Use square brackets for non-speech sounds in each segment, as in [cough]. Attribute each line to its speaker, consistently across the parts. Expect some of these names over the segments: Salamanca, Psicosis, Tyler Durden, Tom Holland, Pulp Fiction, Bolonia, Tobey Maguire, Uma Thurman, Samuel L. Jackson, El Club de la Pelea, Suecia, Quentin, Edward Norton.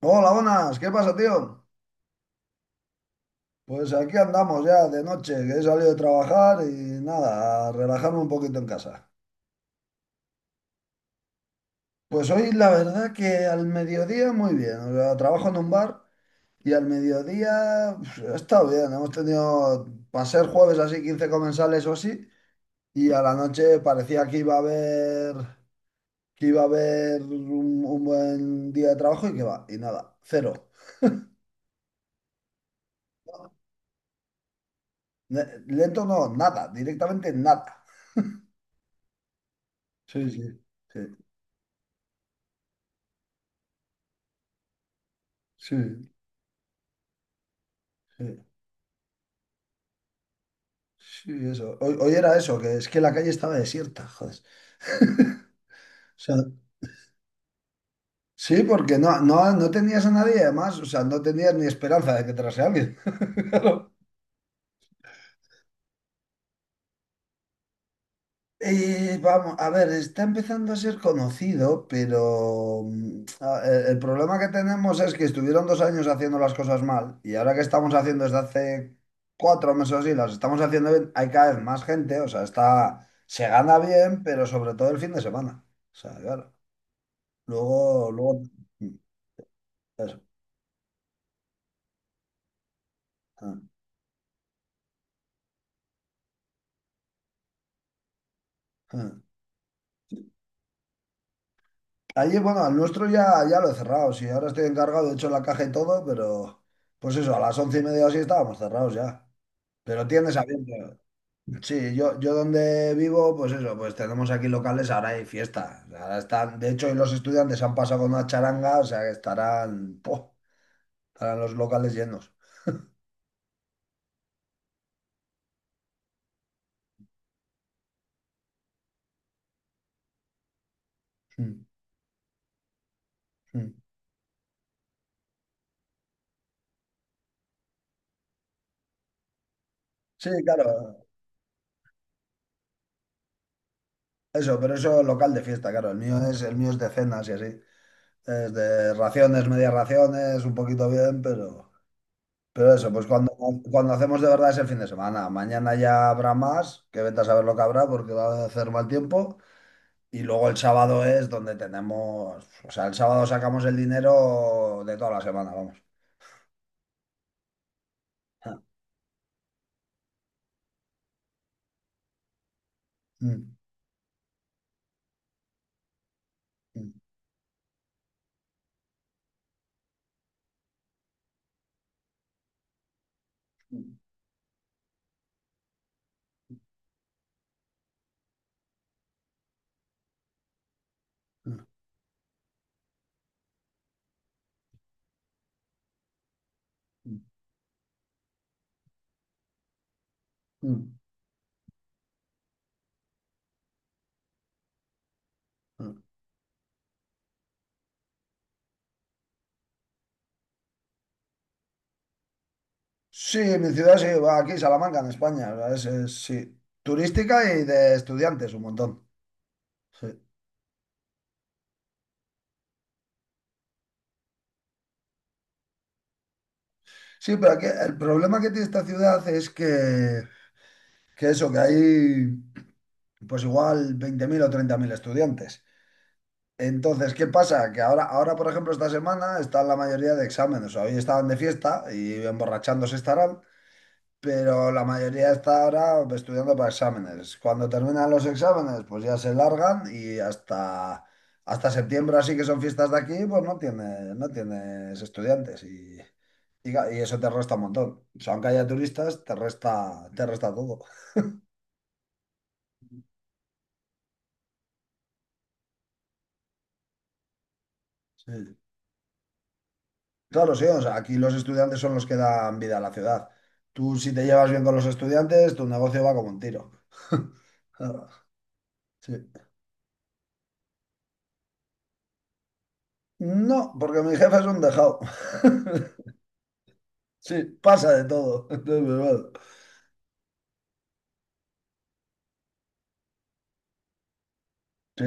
Speaker 1: Hola, buenas, ¿qué pasa, tío? Pues aquí andamos ya de noche, que he salido de trabajar y nada, a relajarme un poquito en casa. Pues hoy la verdad que al mediodía muy bien, o sea, trabajo en un bar y al mediodía pues, ha estado bien, hemos tenido, para ser jueves así, 15 comensales o así, y a la noche parecía que iba a haber, que iba a haber un buen día de trabajo y que va, y nada, cero. Lento no, nada, directamente nada. Sí, sí, sí, sí. Sí, sí, eso. Hoy era eso, que es que la calle estaba desierta, joder. [laughs] O sea, sí, porque no tenías a nadie, además, o sea, no tenías ni esperanza de que entrase alguien. [laughs] Claro. Y vamos, a ver, está empezando a ser conocido, pero el problema que tenemos es que estuvieron 2 años haciendo las cosas mal y ahora que estamos haciendo desde hace 4 meses o así, las estamos haciendo bien, hay cada vez más gente, o sea, está, se gana bien, pero sobre todo el fin de semana. O sea, claro. Luego, luego, eso. Ah, ah. Allí, bueno, al nuestro ya lo he cerrado. Sí, ahora estoy encargado, de hecho, la caja y todo, pero pues eso, a las 11:30 o así estábamos cerrados ya. Pero tienes abierto. Sí, yo donde vivo, pues eso, pues tenemos aquí locales, ahora hay fiesta. O sea, ahora están, de hecho, hoy los estudiantes han pasado con una charanga, o sea que estarán, ¡puf! Estarán los locales llenos. Mm, mm. Sí, claro, eso, pero eso local de fiesta, claro. El mío es de cenas y así. Es de raciones, medias raciones, un poquito bien, pero, pero eso, pues cuando hacemos de verdad es el fin de semana. Mañana ya habrá más, que vete a saber lo que habrá porque va a hacer mal tiempo. Y luego el sábado es donde tenemos, o sea, el sábado sacamos el dinero de toda la semana, vamos. Mm, mm, mm, mm, mm, mm. Sí, mi ciudad sí, va aquí, Salamanca, en España. O sea, es, sí, turística y de estudiantes, un montón. Sí. Sí, pero aquí el problema que tiene esta ciudad es que eso, que hay pues igual 20.000 o 30.000 estudiantes. Entonces, ¿qué pasa? Que ahora, por ejemplo, esta semana están la mayoría de exámenes. O sea, hoy estaban de fiesta y emborrachándose estarán, pero la mayoría está ahora estudiando para exámenes. Cuando terminan los exámenes, pues ya se largan y hasta septiembre, así que son fiestas de aquí, pues no tienes estudiantes. Y eso te resta un montón. O sea, aunque haya turistas, te resta todo. Sí. Claro, sí, o sea, aquí los estudiantes son los que dan vida a la ciudad. Tú, si te llevas bien con los estudiantes, tu negocio va como un tiro. [laughs] Claro, sí. No, porque mi jefe es un dejado. [laughs] Sí, pasa de todo. [laughs] Entonces, pues, bueno, sí.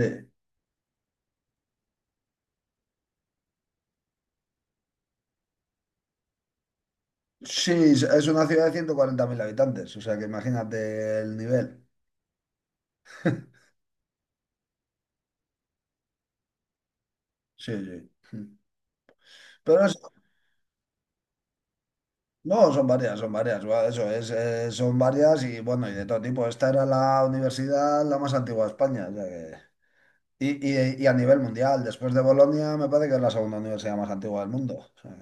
Speaker 1: Sí, es una ciudad de 140.000 habitantes, o sea que imagínate el nivel. Sí, sí. Pero es, No, son varias, va, eso es, son varias y bueno, y de todo tipo. Esta era la universidad la más antigua de España, o sea que... Y a nivel mundial, después de Bolonia, me parece que es la segunda universidad más antigua del mundo. O sea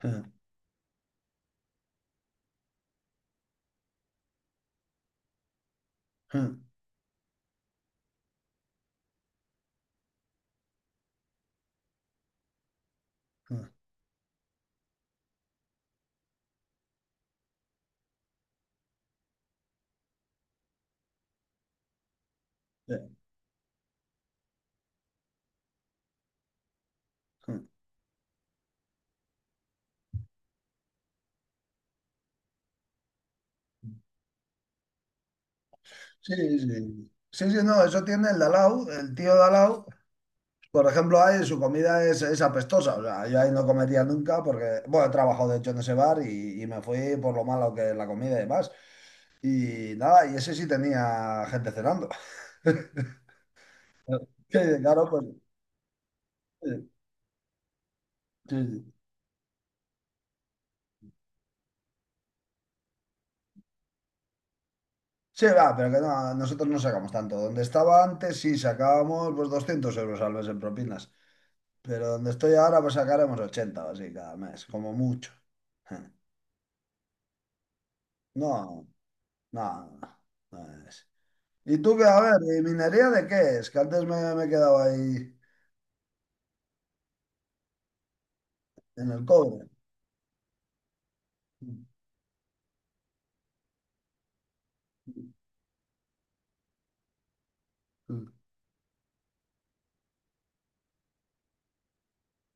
Speaker 1: que... [laughs] Sí, sí. Sí, sí, no, eso tiene el Dalao, el tío Dalao. Por ejemplo, ahí su comida es apestosa. O sea, yo ahí no comería nunca porque, bueno, he trabajado de hecho en ese bar y me fui por lo malo que es la comida y demás. Y nada, y ese sí tenía gente cenando. [laughs] Que claro, pues. Sí, sí, sí. Sí, va, pero que no, nosotros no sacamos tanto. Donde estaba antes, sí, sacábamos pues 200 euros al mes en propinas. Pero donde estoy ahora, pues sacaremos 80 o así cada mes, como mucho. [laughs] No, no, no es. Y tú qué a ver, ¿y minería de qué es? Que antes me he quedado ahí en el cobre. Mm, mm,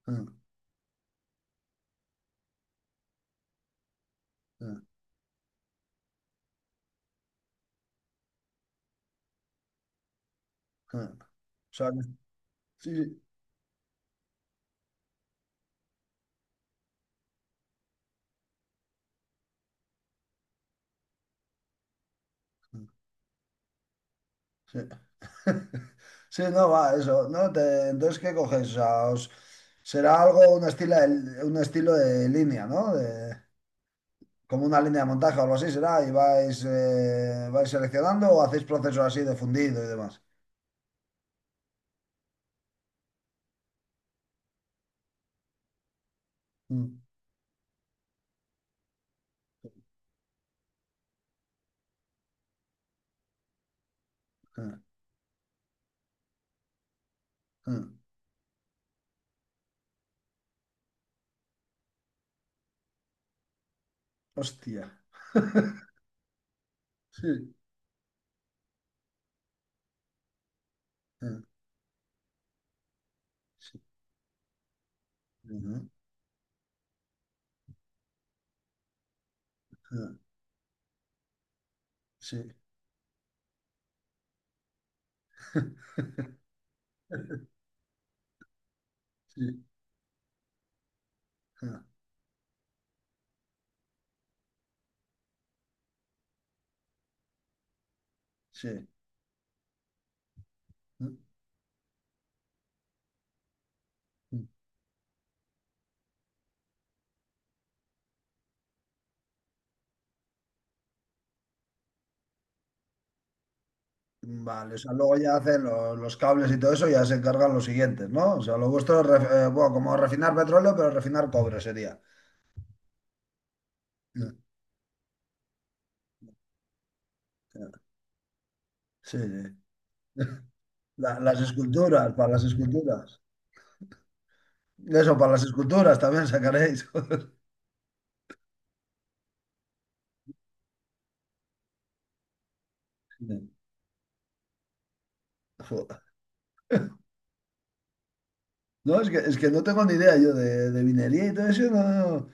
Speaker 1: mm, mm, mm. O sea, sí, sí. Mm, sí, [laughs] sí, no, va, eso, ¿no? Entonces, ¿qué coges? O sea, será algo, un estilo de línea, ¿no? Como una línea de montaje o algo así será, y vais, vais seleccionando o hacéis procesos así de fundido y demás. Mm, mm, mm. Hostia. [laughs] Sí. Mm, sí. Ujú, mm, sí. [laughs] Sí, ah, sí. Vale, o sea, luego ya hacen los cables y todo eso, ya se encargan los siguientes, ¿no? O sea, lo vuestro es, bueno, como refinar petróleo, pero refinar cobre sería. Ah, claro. Sí, sí. Las esculturas, para las esculturas. Eso, para las esculturas también sacaréis. [laughs] Sí. Joder. No, es que no tengo ni idea yo de minería y todo eso, no, no, no.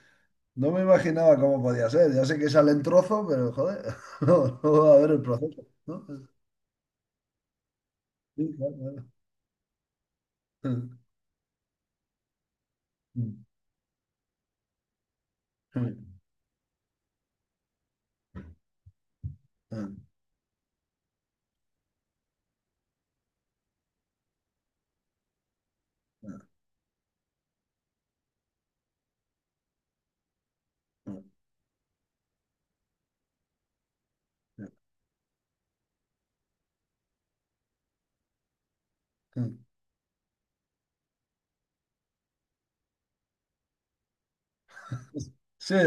Speaker 1: No me imaginaba cómo podía ser. Ya sé que sale en trozo, pero joder, [laughs] no va a ver el proceso, ¿no? Sí, claro, claro. Sí,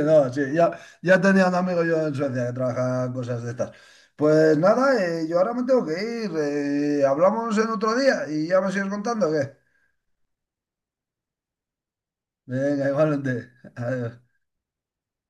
Speaker 1: no, sí, ya tenía un amigo yo en Suecia que trabajaba cosas de estas. Pues nada, yo ahora me tengo que ir. Hablamos en otro día y ya me sigues contando, ¿o qué? Venga, igualmente. [laughs] Adiós.